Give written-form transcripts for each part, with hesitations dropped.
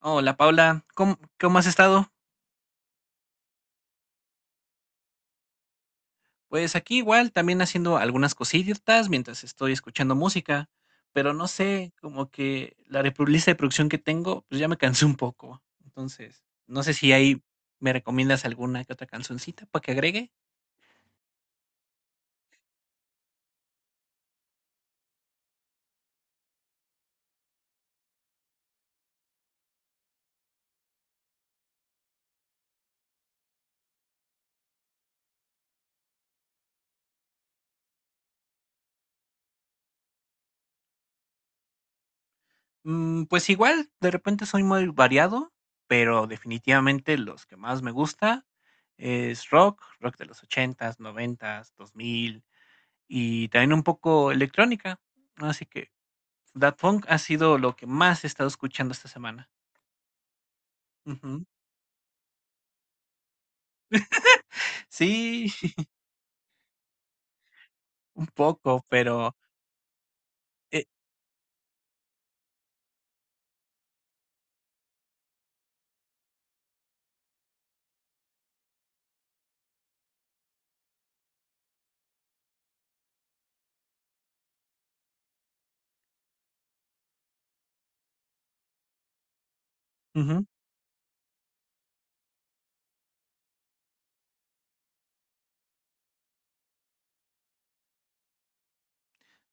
Hola Paula, ¿cómo has estado? Pues aquí igual, también haciendo algunas cositas mientras estoy escuchando música, pero no sé, como que la lista de producción que tengo, pues ya me cansé un poco. Entonces, no sé si ahí me recomiendas alguna que otra cancioncita para que agregue. Pues igual, de repente soy muy variado, pero definitivamente los que más me gusta es rock, rock de los ochentas, noventas, 2000 y también un poco electrónica. Así que Daft Punk ha sido lo que más he estado escuchando esta semana. Ujú. Sí, un poco, pero, eh, ujú.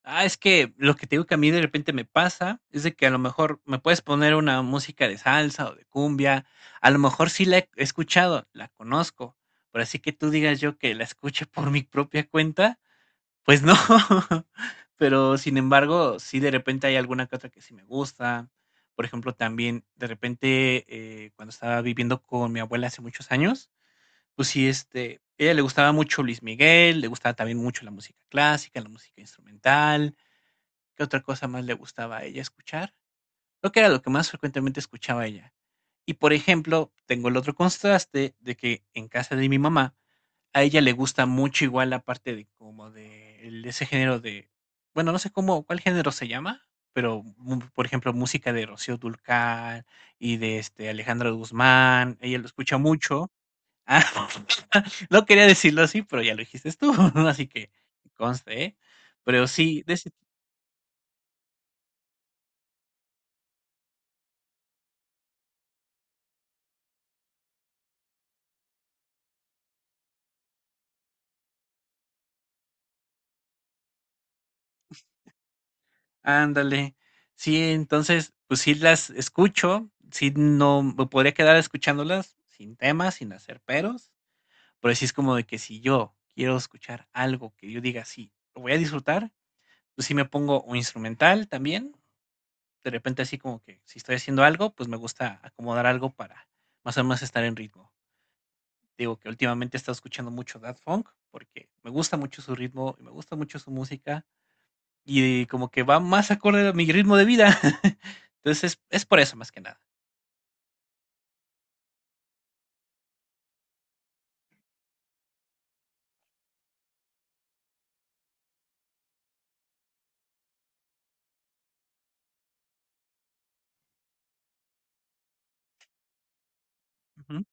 Ah, es que lo que te digo que a mí de repente me pasa es de que a lo mejor me puedes poner una música de salsa o de cumbia, a lo mejor sí la he escuchado, la conozco, pero así que tú digas yo que la escuche por mi propia cuenta, pues no, pero sin embargo, sí de repente hay alguna que otra que sí me gusta. Por ejemplo, también de repente, cuando estaba viviendo con mi abuela hace muchos años, pues sí, este, ella le gustaba mucho Luis Miguel, le gustaba también mucho la música clásica, la música instrumental. ¿Qué otra cosa más le gustaba a ella escuchar? Lo que era lo que más frecuentemente escuchaba ella. Y por ejemplo, tengo el otro contraste de que en casa de mi mamá, a ella le gusta mucho igual la parte de como de el ese género de bueno, no sé cómo cuál género se llama, pero, por ejemplo, música de Rocío Dúrcal y de, este, Alejandro Guzmán, ella lo escucha mucho. Ah, no quería decirlo así, pero ya lo dijiste tú, así que conste, ¿eh? Pero sí, de ese ándale. Sí, entonces, pues sí las escucho, sí no me podría quedar escuchándolas sin temas sin hacer peros. Pero sí es como de que si yo quiero escuchar algo que yo diga, sí, lo voy a disfrutar, pues sí me pongo un instrumental también. De repente así como que si estoy haciendo algo, pues me gusta acomodar algo para más o menos estar en ritmo. Digo que últimamente he estado escuchando mucho Daft Funk porque me gusta mucho su ritmo y me gusta mucho su música y como que va más acorde a mi ritmo de vida. Entonces es, por eso más que nada. Ujú.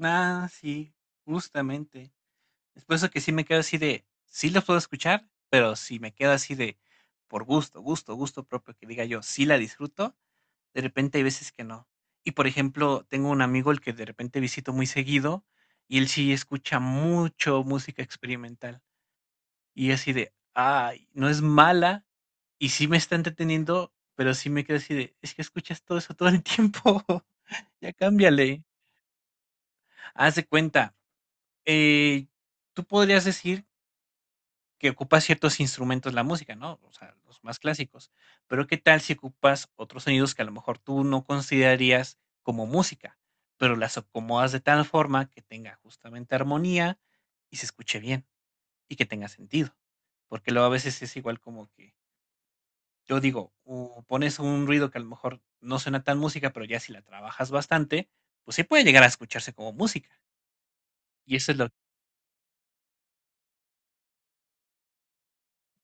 Ah, sí, justamente. Es por eso que sí me quedo así de, sí los puedo escuchar, pero si me quedo así de, por gusto, gusto, gusto propio, que diga yo, sí la disfruto, de repente hay veces que no. Y por ejemplo, tengo un amigo el que de repente visito muy seguido y él sí escucha mucho música experimental. Y así de, ay, no es mala y sí me está entreteniendo, pero sí me quedo así de, es que escuchas todo eso todo el tiempo, ya cámbiale. Haz de cuenta, eh, tú podrías decir que ocupa ciertos instrumentos la música, ¿no? O sea, los más clásicos. Pero ¿qué tal si ocupas otros sonidos que a lo mejor tú no considerarías como música, pero las acomodas de tal forma que tenga justamente armonía y se escuche bien y que tenga sentido? Porque luego a veces es igual como que yo digo, pones un ruido que a lo mejor no suena tan música, pero ya si la trabajas bastante, pues sí puede llegar a escucharse como música. Y eso es lo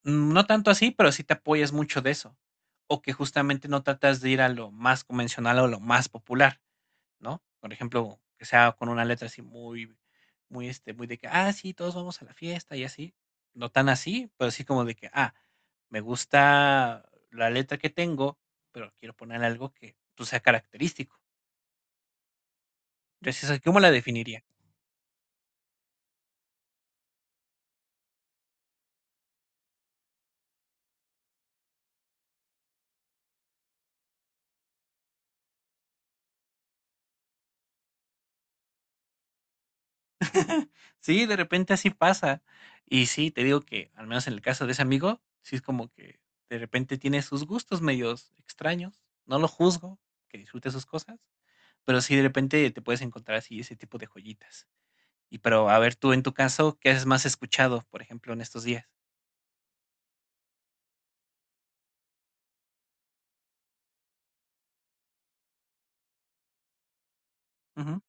no tanto así, pero sí te apoyas mucho de eso. O que justamente no tratas de ir a lo más convencional o lo más popular, ¿no? Por ejemplo, que sea con una letra así muy, muy, este, muy de que, ah, sí, todos vamos a la fiesta y así. No tan así, pero sí como de que, ah, me gusta la letra que tengo, pero quiero poner algo que pues, sea característico. Gracias a ¿cómo la definiría? Sí, de repente así pasa. Y sí, te digo que, al menos en el caso de ese amigo, sí es como que de repente tiene sus gustos medios extraños. No lo juzgo, que disfrute sus cosas, pero sí de repente te puedes encontrar así ese tipo de joyitas. Y pero a ver, tú en tu caso, ¿qué haces más escuchado, por ejemplo, en estos días? Ujú,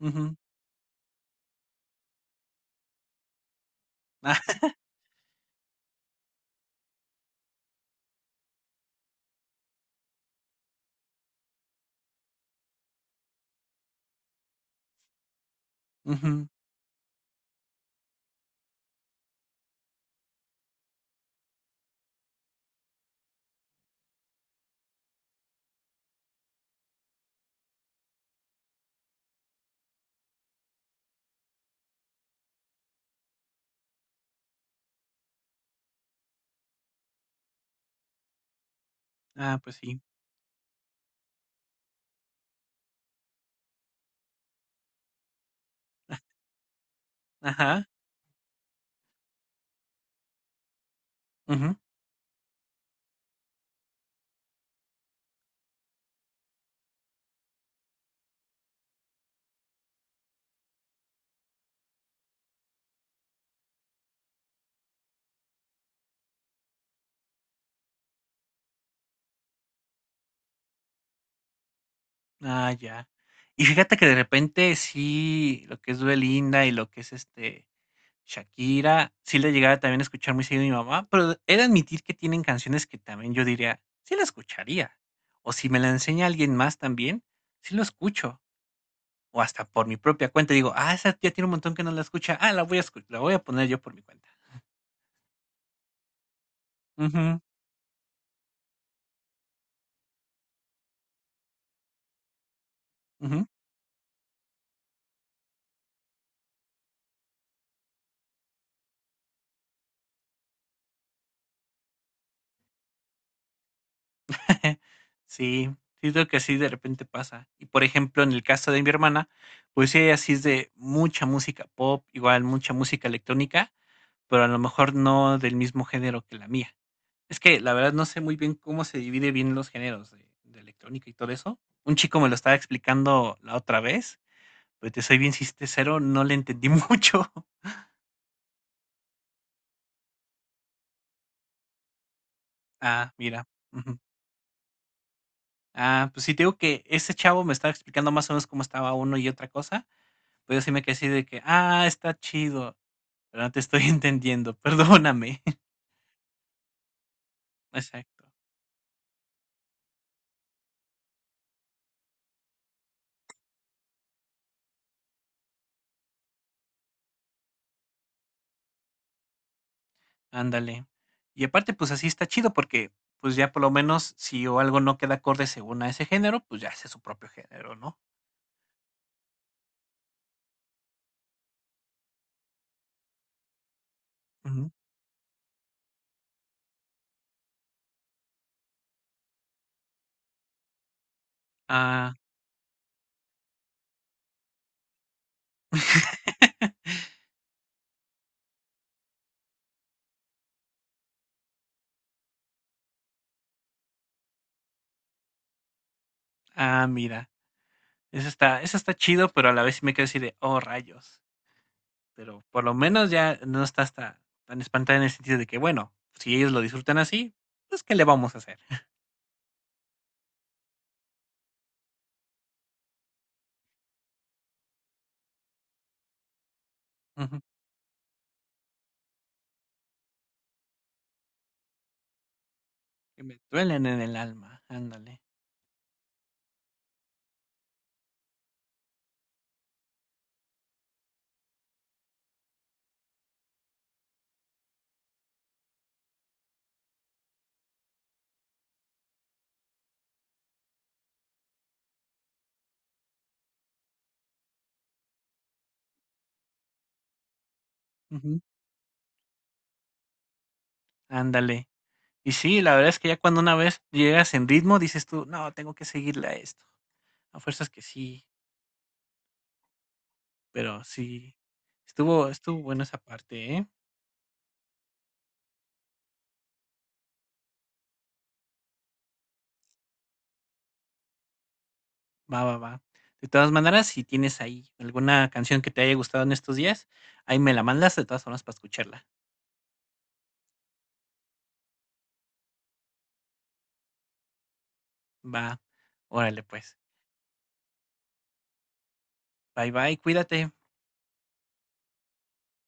ujú. Ah, ujú. Ah, pues sí. Ajá. Ujú. Ah, ya. Y fíjate que de repente sí, lo que es Belinda y lo que es, este, Shakira, sí le llegaba también a escuchar muy seguido a mi mamá, pero he de admitir que tienen canciones que también yo diría, sí la escucharía, o si me la enseña alguien más también, sí lo escucho, o hasta por mi propia cuenta digo: "Ah, esa tía tiene un montón que no la escucha, ah, la voy a escu la voy a poner yo por mi cuenta". Ujú, ujú. Sí, siento que así de repente pasa. Y por ejemplo, en el caso de mi hermana, pues sí, ella sí es de mucha música pop, igual mucha música electrónica, pero a lo mejor no del mismo género que la mía. Es que la verdad no sé muy bien cómo se divide bien los géneros de electrónica y todo eso. Un chico me lo estaba explicando la otra vez, pero te soy bien sincero, no le entendí mucho. Ah, mira. Ujú. Ah, pues sí, te digo que ese chavo me estaba explicando más o menos cómo estaba uno y otra cosa. Pero sí me quedé así de que, ah, está chido, pero no te estoy entendiendo, perdóname. Exacto, ándale. Y aparte, pues así está chido porque, pues ya por lo menos si o algo no queda acorde según a ese género, pues ya hace su propio género, ¿no? Ujú. Ah, mira, eso está chido, pero a la vez sí me quedo así de, oh, rayos. Pero por lo menos ya no está hasta tan espantada en el sentido de que, bueno, si ellos lo disfrutan así, pues ¿qué le vamos a hacer? Ujú. Que me duelen en el alma, ándale. Ujú. Ándale. Y sí, la verdad es que ya cuando una vez llegas en ritmo, dices tú: "No, tengo que seguirle a esto". A fuerzas que sí, pero sí, estuvo bueno esa parte, ¿eh? Va, va, va. De todas maneras, si tienes ahí alguna canción que te haya gustado en estos días, ahí me la mandas de todas formas para escucharla. Va. Órale, pues. Bye, bye, cuídate.